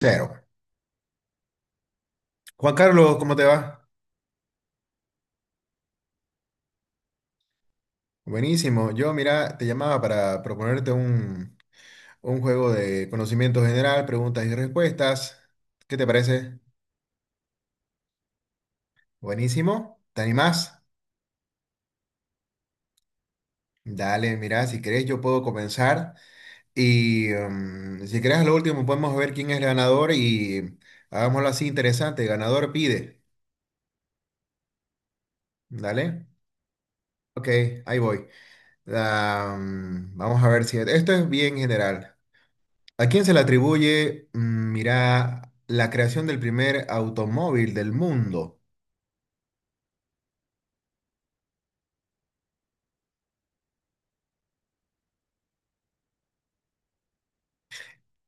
Cero. Juan Carlos, ¿cómo te va? Buenísimo. Yo, mira, te llamaba para proponerte un juego de conocimiento general, preguntas y respuestas. ¿Qué te parece? Buenísimo. ¿Te animás? Dale, mira, si querés yo puedo comenzar y si querés a lo último podemos ver quién es el ganador y hagámoslo así interesante. Ganador pide. Dale. Ok, ahí voy. Vamos a ver si esto es bien general. ¿A quién se le atribuye, mira, la creación del primer automóvil del mundo?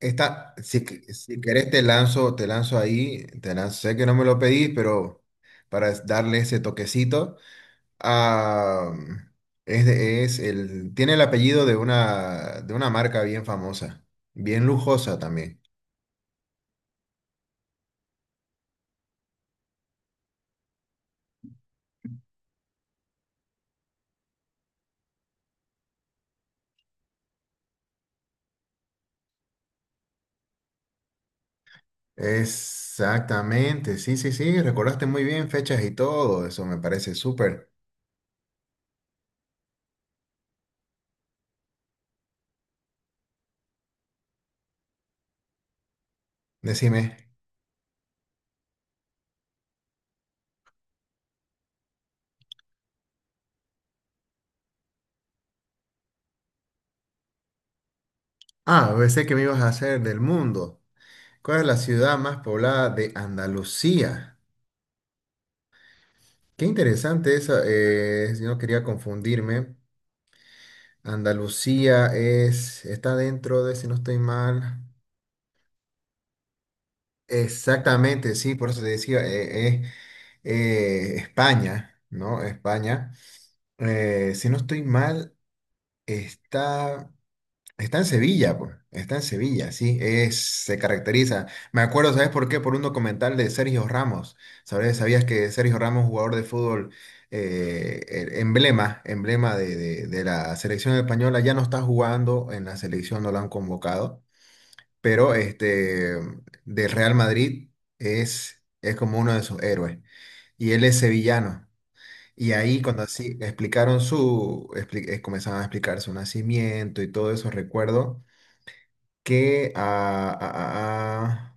Esta, si, si querés te lanzo ahí, te lanzo, sé que no me lo pedís, pero para darle ese toquecito. Ah, es, es el, tiene el apellido de una marca bien famosa, bien lujosa también. Exactamente, sí, sí, sí, recordaste muy bien fechas y todo, eso me parece súper. Decime. Ah, pensé que me ibas a hacer del mundo. ¿Cuál es la ciudad más poblada de Andalucía? Qué interesante eso. Si no quería confundirme. Andalucía está dentro de, si no estoy mal. Exactamente, sí, por eso te decía, España, ¿no? España. Si no estoy mal, está. Está en Sevilla, pues. Está en Sevilla, sí. Se caracteriza. Me acuerdo, ¿sabes por qué? Por un documental de Sergio Ramos. ¿Sabes? ¿Sabías que Sergio Ramos, jugador de fútbol, el emblema de la selección española, ya no está jugando en la selección, no lo han convocado. Pero este del Real Madrid es como uno de sus héroes. Y él es sevillano. Y ahí cuando así explicaron comenzaban a explicar su nacimiento y todo eso, recuerdo que, ah, ah, ah,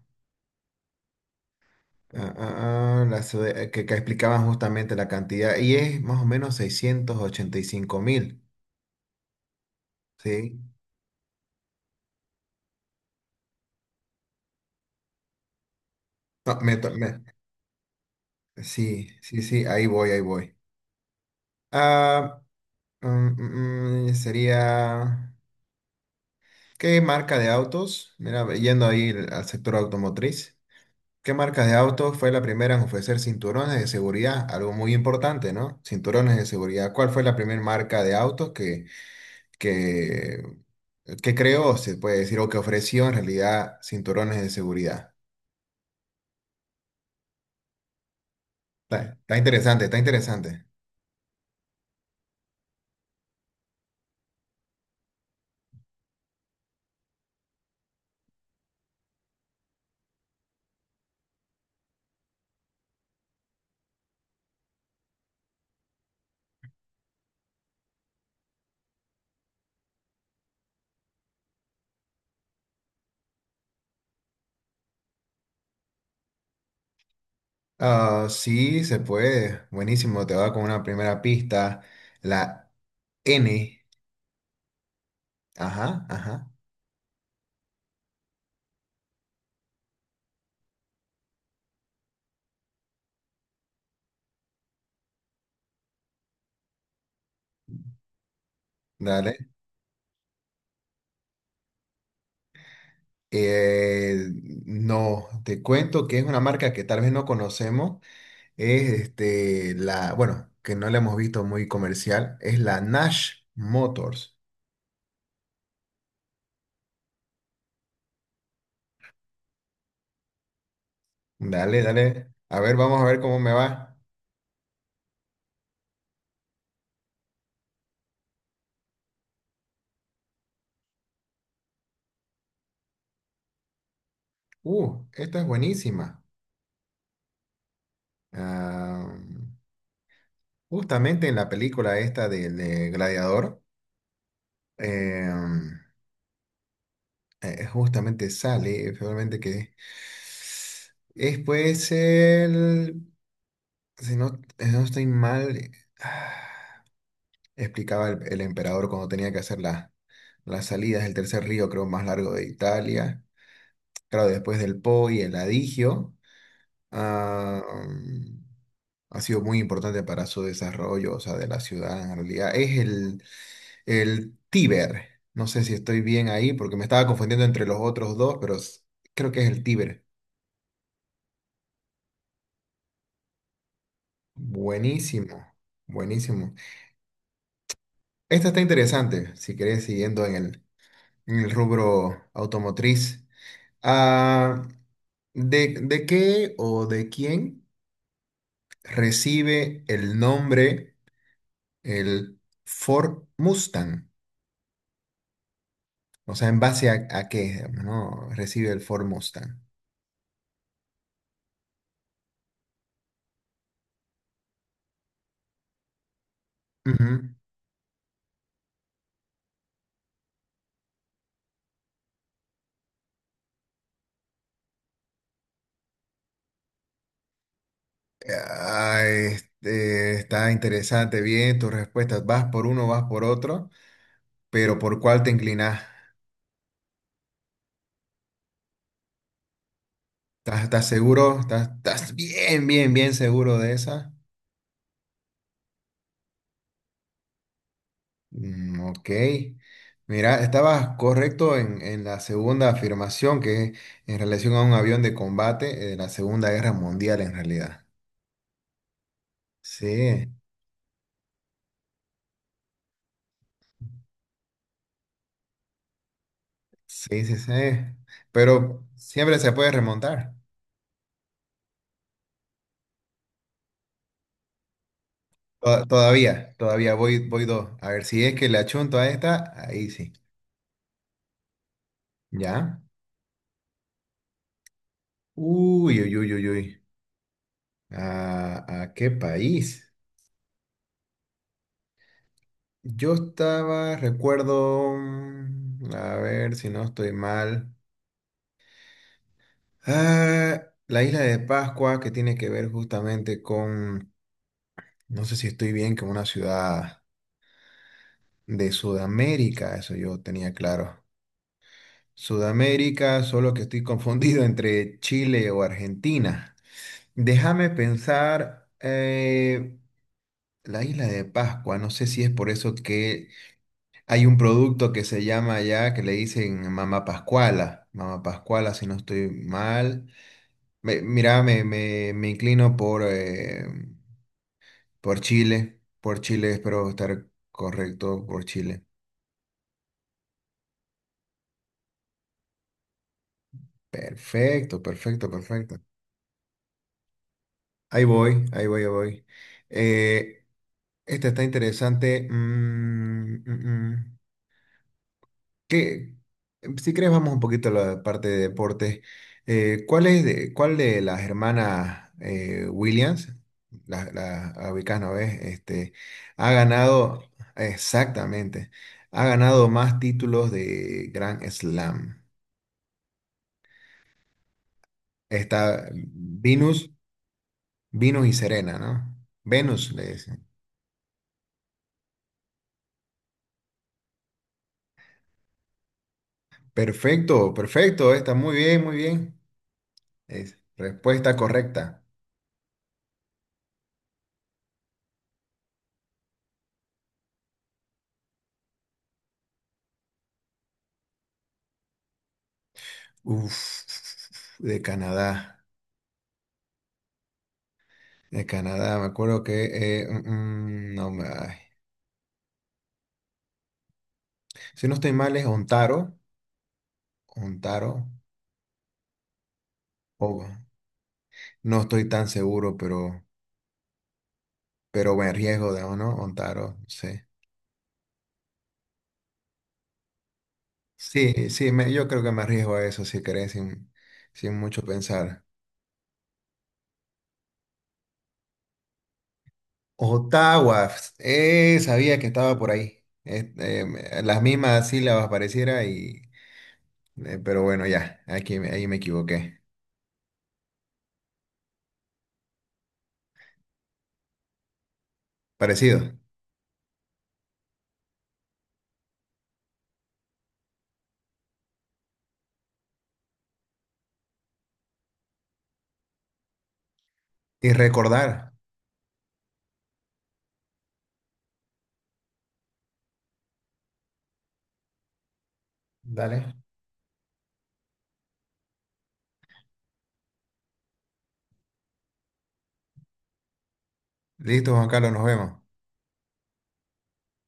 ah, ah, ah, ah, que explicaban justamente la cantidad, y es más o menos 685.000, ¿sí? No, sí, sí, sí, ahí voy, ahí voy. Ah, sería, ¿qué marca de autos? Mira, yendo ahí al sector automotriz. ¿Qué marca de autos fue la primera en ofrecer cinturones de seguridad? Algo muy importante, ¿no? Cinturones de seguridad. ¿Cuál fue la primera marca de autos que que, que creó, se puede decir, o que ofreció en realidad cinturones de seguridad? Está, está interesante, está interesante. Ah, sí, se puede. Buenísimo, te va con una primera pista. La N. Ajá, ajá. Dale. Eh, no, te cuento que es una marca que tal vez no conocemos. Es este, la, bueno, que no la hemos visto muy comercial. Es la Nash Motors. Dale, dale. A ver, vamos a ver cómo me va. Esta es buenísima. Ah, justamente en la película esta del de Gladiador, eh, justamente sale, realmente que es pues el, si no, si no estoy mal, ah, explicaba el emperador cuando tenía que hacer las salidas del tercer río, creo, más largo de Italia. Claro, después del Po y el Adigio. ha, ha sido muy importante para su desarrollo, o sea, de la ciudad en realidad. Es el Tíber. No sé si estoy bien ahí porque me estaba confundiendo entre los otros dos, pero creo que es el Tíber. Buenísimo, buenísimo. Esta está interesante, si querés, siguiendo en el rubro automotriz. Ah, ¿de qué o de quién recibe el nombre el Ford Mustang? O sea, ¿en base a qué, digamos, no? Recibe el Ford Mustang. Ujú. Ah, este, está interesante, bien tus respuestas. Vas por uno, vas por otro, pero ¿por cuál te inclinás? ¿Estás seguro? ¿Estás bien, bien, bien seguro de esa? Mm, ok. Mira, estabas correcto en la segunda afirmación, que es en relación a un avión de combate de la Segunda Guerra Mundial, en realidad. Sí. Sí, sí, sí. Pero siempre se puede remontar. Todavía voy, dos. A ver si es que le achunto a esta, ahí sí. ¿Ya? Uy, uy, uy, uy, uy. ¿A qué país? Yo estaba, recuerdo, a ver si no estoy mal. Ah, la isla de Pascua, que tiene que ver justamente con, no sé si estoy bien, con una ciudad de Sudamérica, eso yo tenía claro. Sudamérica, solo que estoy confundido entre Chile o Argentina. Déjame pensar, la isla de Pascua, no sé si es por eso que hay un producto que se llama allá que le dicen Mamá Pascuala, Mamá Pascuala si no estoy mal. Mira, me inclino por Chile, espero estar correcto, por Chile. Perfecto, perfecto, perfecto. Ahí voy, ahí voy, ahí voy. Eh, Esta está interesante. Mm, mm, mm. ¿Qué- Si crees, vamos un poquito a la parte de deporte. ¿Cuál es cuál de las hermanas Williams, las la ubicás, ¿no ves? Este, ha ganado, exactamente, ha ganado más títulos de Grand Slam. Está Venus y Serena, ¿no? Venus, le dicen. Perfecto, perfecto, está muy bien, muy bien. Es respuesta correcta. Uf, de Canadá, de Canadá, me acuerdo que, no me, ay. Si no estoy mal es Ontario, Ontario, o no estoy tan seguro, pero me arriesgo, digamos, ¿no? Ontario, sí. Sí, sí, yo creo que me arriesgo a eso, si querés, sin mucho pensar. Ottawa, sabía que estaba por ahí, las mismas sílabas pareciera y, pero bueno, ya, aquí, ahí me equivoqué, parecido. Y recordar. Dale. Listo, Juan Carlos, nos vemos.